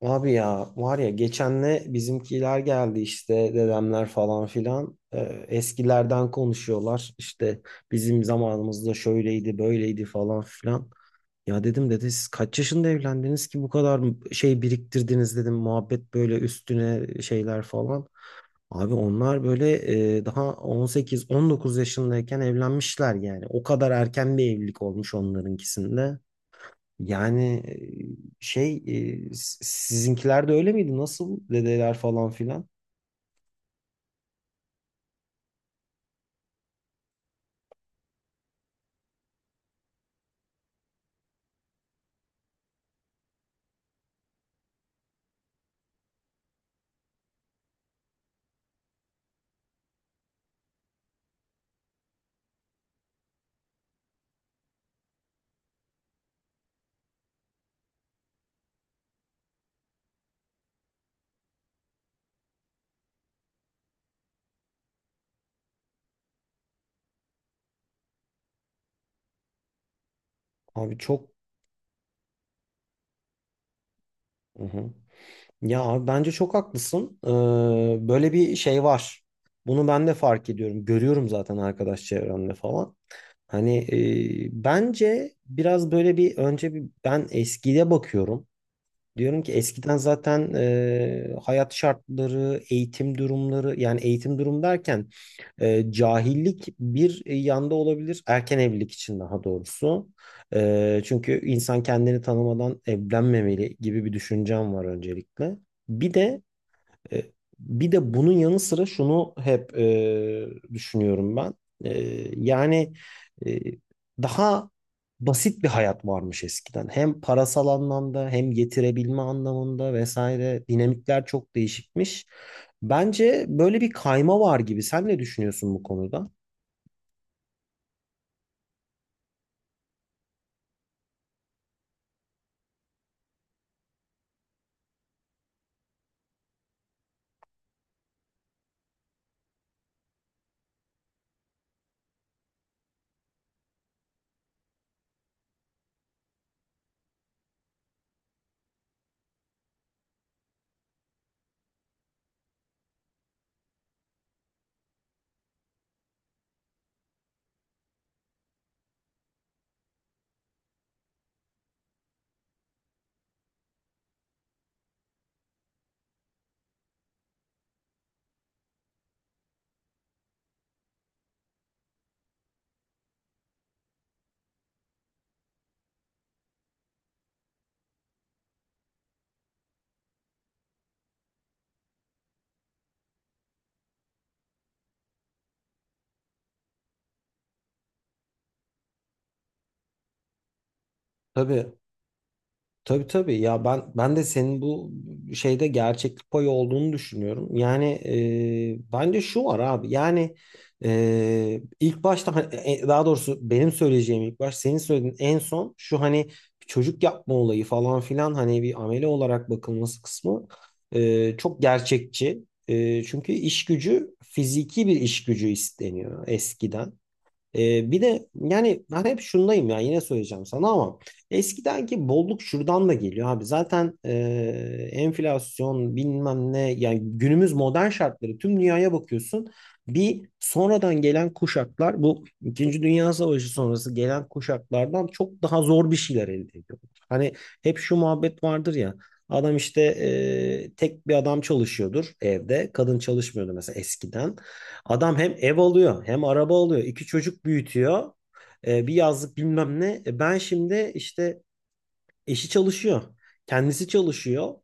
Abi ya var ya geçenle bizimkiler geldi işte dedemler falan filan. Eskilerden konuşuyorlar işte bizim zamanımızda şöyleydi böyleydi falan filan. Ya dedim dede siz kaç yaşında evlendiniz ki bu kadar şey biriktirdiniz dedim, muhabbet böyle üstüne şeyler falan. Abi onlar böyle daha 18-19 yaşındayken evlenmişler, yani o kadar erken bir evlilik olmuş onlarınkisinde. Yani sizinkiler de öyle miydi? Nasıl dedeler falan filan? Abi çok. Hı hı. Ya abi bence çok haklısın. Böyle bir şey var. Bunu ben de fark ediyorum. Görüyorum zaten arkadaş çevremde falan. Hani bence biraz böyle bir önce bir ben eskiye bakıyorum. Diyorum ki eskiden zaten hayat şartları, eğitim durumları, yani eğitim durum derken cahillik bir yanda olabilir. Erken evlilik için daha doğrusu. Çünkü insan kendini tanımadan evlenmemeli gibi bir düşüncem var öncelikle. Bir de e, bir de bunun yanı sıra şunu hep düşünüyorum ben. E, yani e, daha basit bir hayat varmış eskiden. Hem parasal anlamda hem getirebilme anlamında vesaire dinamikler çok değişikmiş. Bence böyle bir kayma var gibi. Sen ne düşünüyorsun bu konuda? Tabii. Tabii tabii ya, ben de senin bu şeyde gerçeklik payı olduğunu düşünüyorum. Yani bence şu var abi, yani ilk başta hani, daha doğrusu benim söyleyeceğim ilk baş senin söylediğin en son şu, hani çocuk yapma olayı falan filan, hani bir amele olarak bakılması kısmı çok gerçekçi. Çünkü iş gücü, fiziki bir iş gücü isteniyor eskiden. Bir de yani ben hep şundayım ya, yine söyleyeceğim sana ama eskidenki bolluk şuradan da geliyor abi. Zaten enflasyon bilmem ne, yani günümüz modern şartları, tüm dünyaya bakıyorsun. Bir sonradan gelen kuşaklar bu İkinci Dünya Savaşı sonrası gelen kuşaklardan çok daha zor bir şeyler elde ediyor. Hani hep şu muhabbet vardır ya, adam işte tek bir adam çalışıyordur, evde kadın çalışmıyordu mesela eskiden. Adam hem ev alıyor, hem araba alıyor, iki çocuk büyütüyor. Bir yazlık bilmem ne. Ben şimdi işte eşi çalışıyor. Kendisi çalışıyor.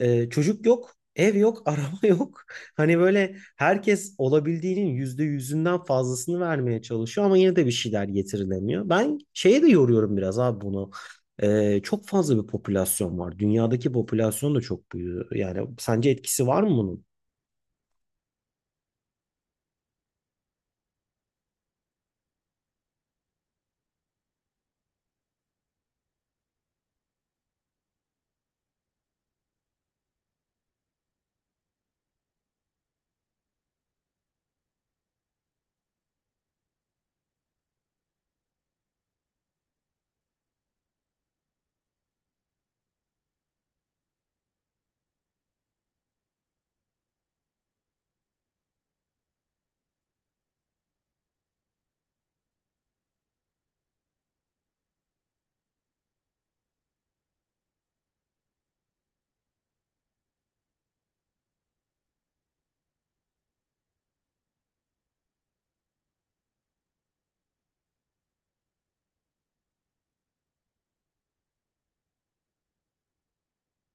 Çocuk yok. Ev yok. Araba yok. Hani böyle herkes olabildiğinin yüzde yüzünden fazlasını vermeye çalışıyor. Ama yine de bir şeyler getirilemiyor. Ben şeye de yoruyorum biraz abi bunu. Çok fazla bir popülasyon var. Dünyadaki popülasyon da çok büyüyor. Yani sence etkisi var mı bunun?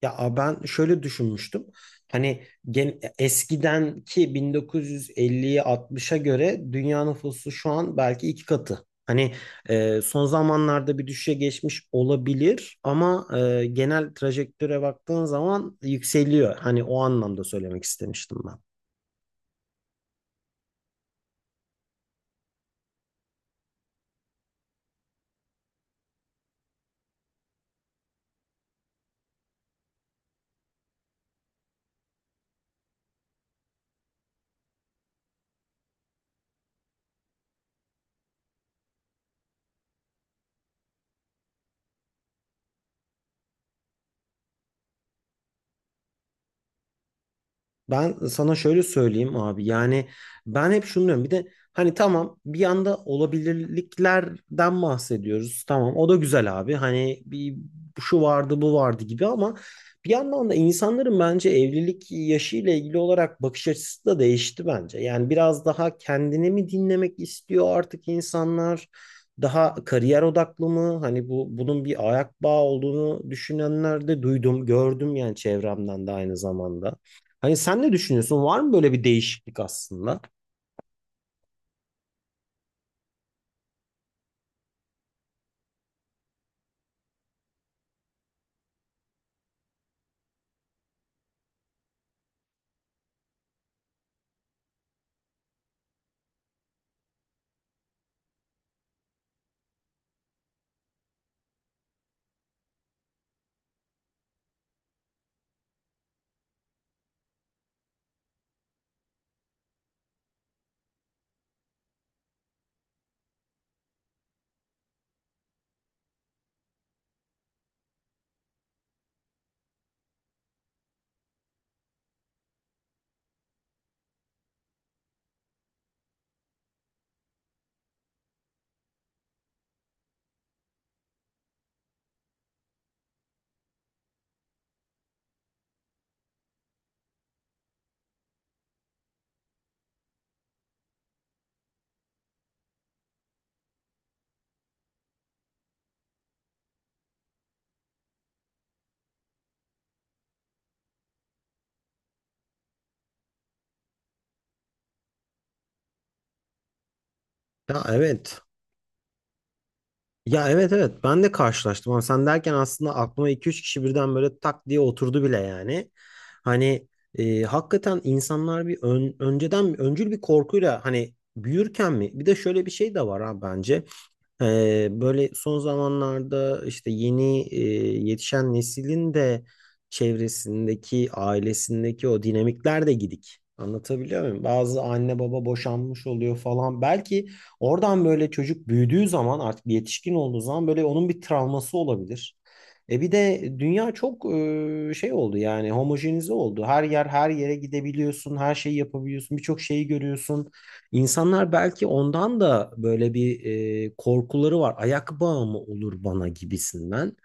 Ya ben şöyle düşünmüştüm. Hani eskidenki 1950'ye 60'a göre dünya nüfusu şu an belki iki katı. Hani son zamanlarda bir düşüşe geçmiş olabilir ama genel trajektöre baktığın zaman yükseliyor. Hani o anlamda söylemek istemiştim. Ben sana şöyle söyleyeyim abi, yani ben hep şunu diyorum bir de hani tamam, bir yanda olabilirliklerden bahsediyoruz, tamam o da güzel abi, hani bir şu vardı bu vardı gibi ama bir yandan da insanların bence evlilik yaşı ile ilgili olarak bakış açısı da değişti bence. Yani biraz daha kendini mi dinlemek istiyor artık insanlar, daha kariyer odaklı mı, hani bunun bir ayak bağı olduğunu düşünenler de duydum, gördüm yani çevremden de aynı zamanda. Hani sen ne düşünüyorsun? Var mı böyle bir değişiklik aslında? Ya evet. Ya evet, evet, ben de karşılaştım ama sen derken aslında aklıma iki üç kişi birden böyle tak diye oturdu bile yani. Hani hakikaten insanlar bir önceden öncül bir korkuyla, hani büyürken mi? Bir de şöyle bir şey de var ha bence. Böyle son zamanlarda işte yeni yetişen neslin de çevresindeki, ailesindeki o dinamikler de gidik. Anlatabiliyor muyum? Bazı anne baba boşanmış oluyor falan. Belki oradan böyle çocuk büyüdüğü zaman, artık bir yetişkin olduğu zaman, böyle onun bir travması olabilir. E bir de dünya çok şey oldu, yani homojenize oldu. Her yer her yere gidebiliyorsun, her şeyi yapabiliyorsun, birçok şeyi görüyorsun. İnsanlar belki ondan da böyle bir korkuları var. Ayak bağı mı olur bana gibisinden.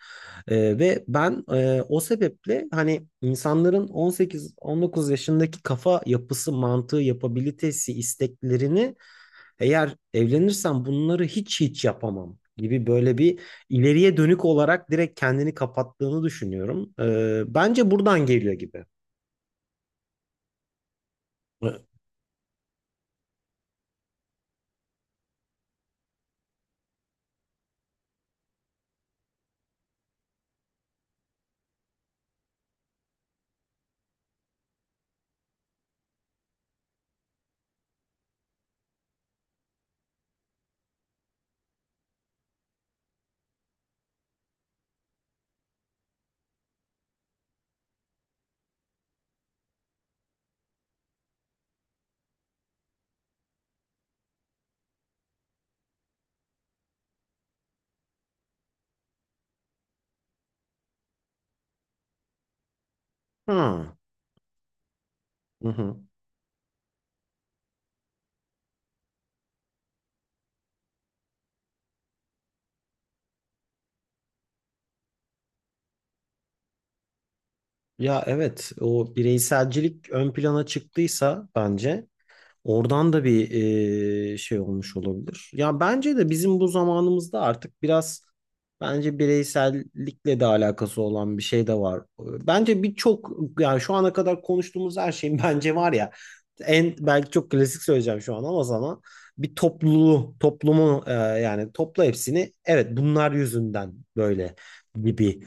Ve ben o sebeple hani insanların 18-19 yaşındaki kafa yapısı, mantığı, yapabilitesi, isteklerini, eğer evlenirsem bunları hiç yapamam gibi böyle bir ileriye dönük olarak direkt kendini kapattığını düşünüyorum. Bence buradan geliyor gibi. Ha. Hı hı. Ya evet, o bireyselcilik ön plana çıktıysa bence oradan da bir şey olmuş olabilir. Ya bence de bizim bu zamanımızda artık biraz bence bireysellikle de alakası olan bir şey de var. Bence birçok, yani şu ana kadar konuştuğumuz her şeyin bence var ya, en belki çok klasik söyleyeceğim şu an ama sana bir topluluğu, toplumu yani topla hepsini, evet bunlar yüzünden böyle gibi.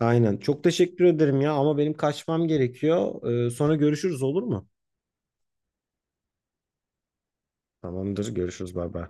Aynen. Çok teşekkür ederim ya ama benim kaçmam gerekiyor. Sonra görüşürüz, olur mu? Tamamdır. Görüşürüz. Bay bay.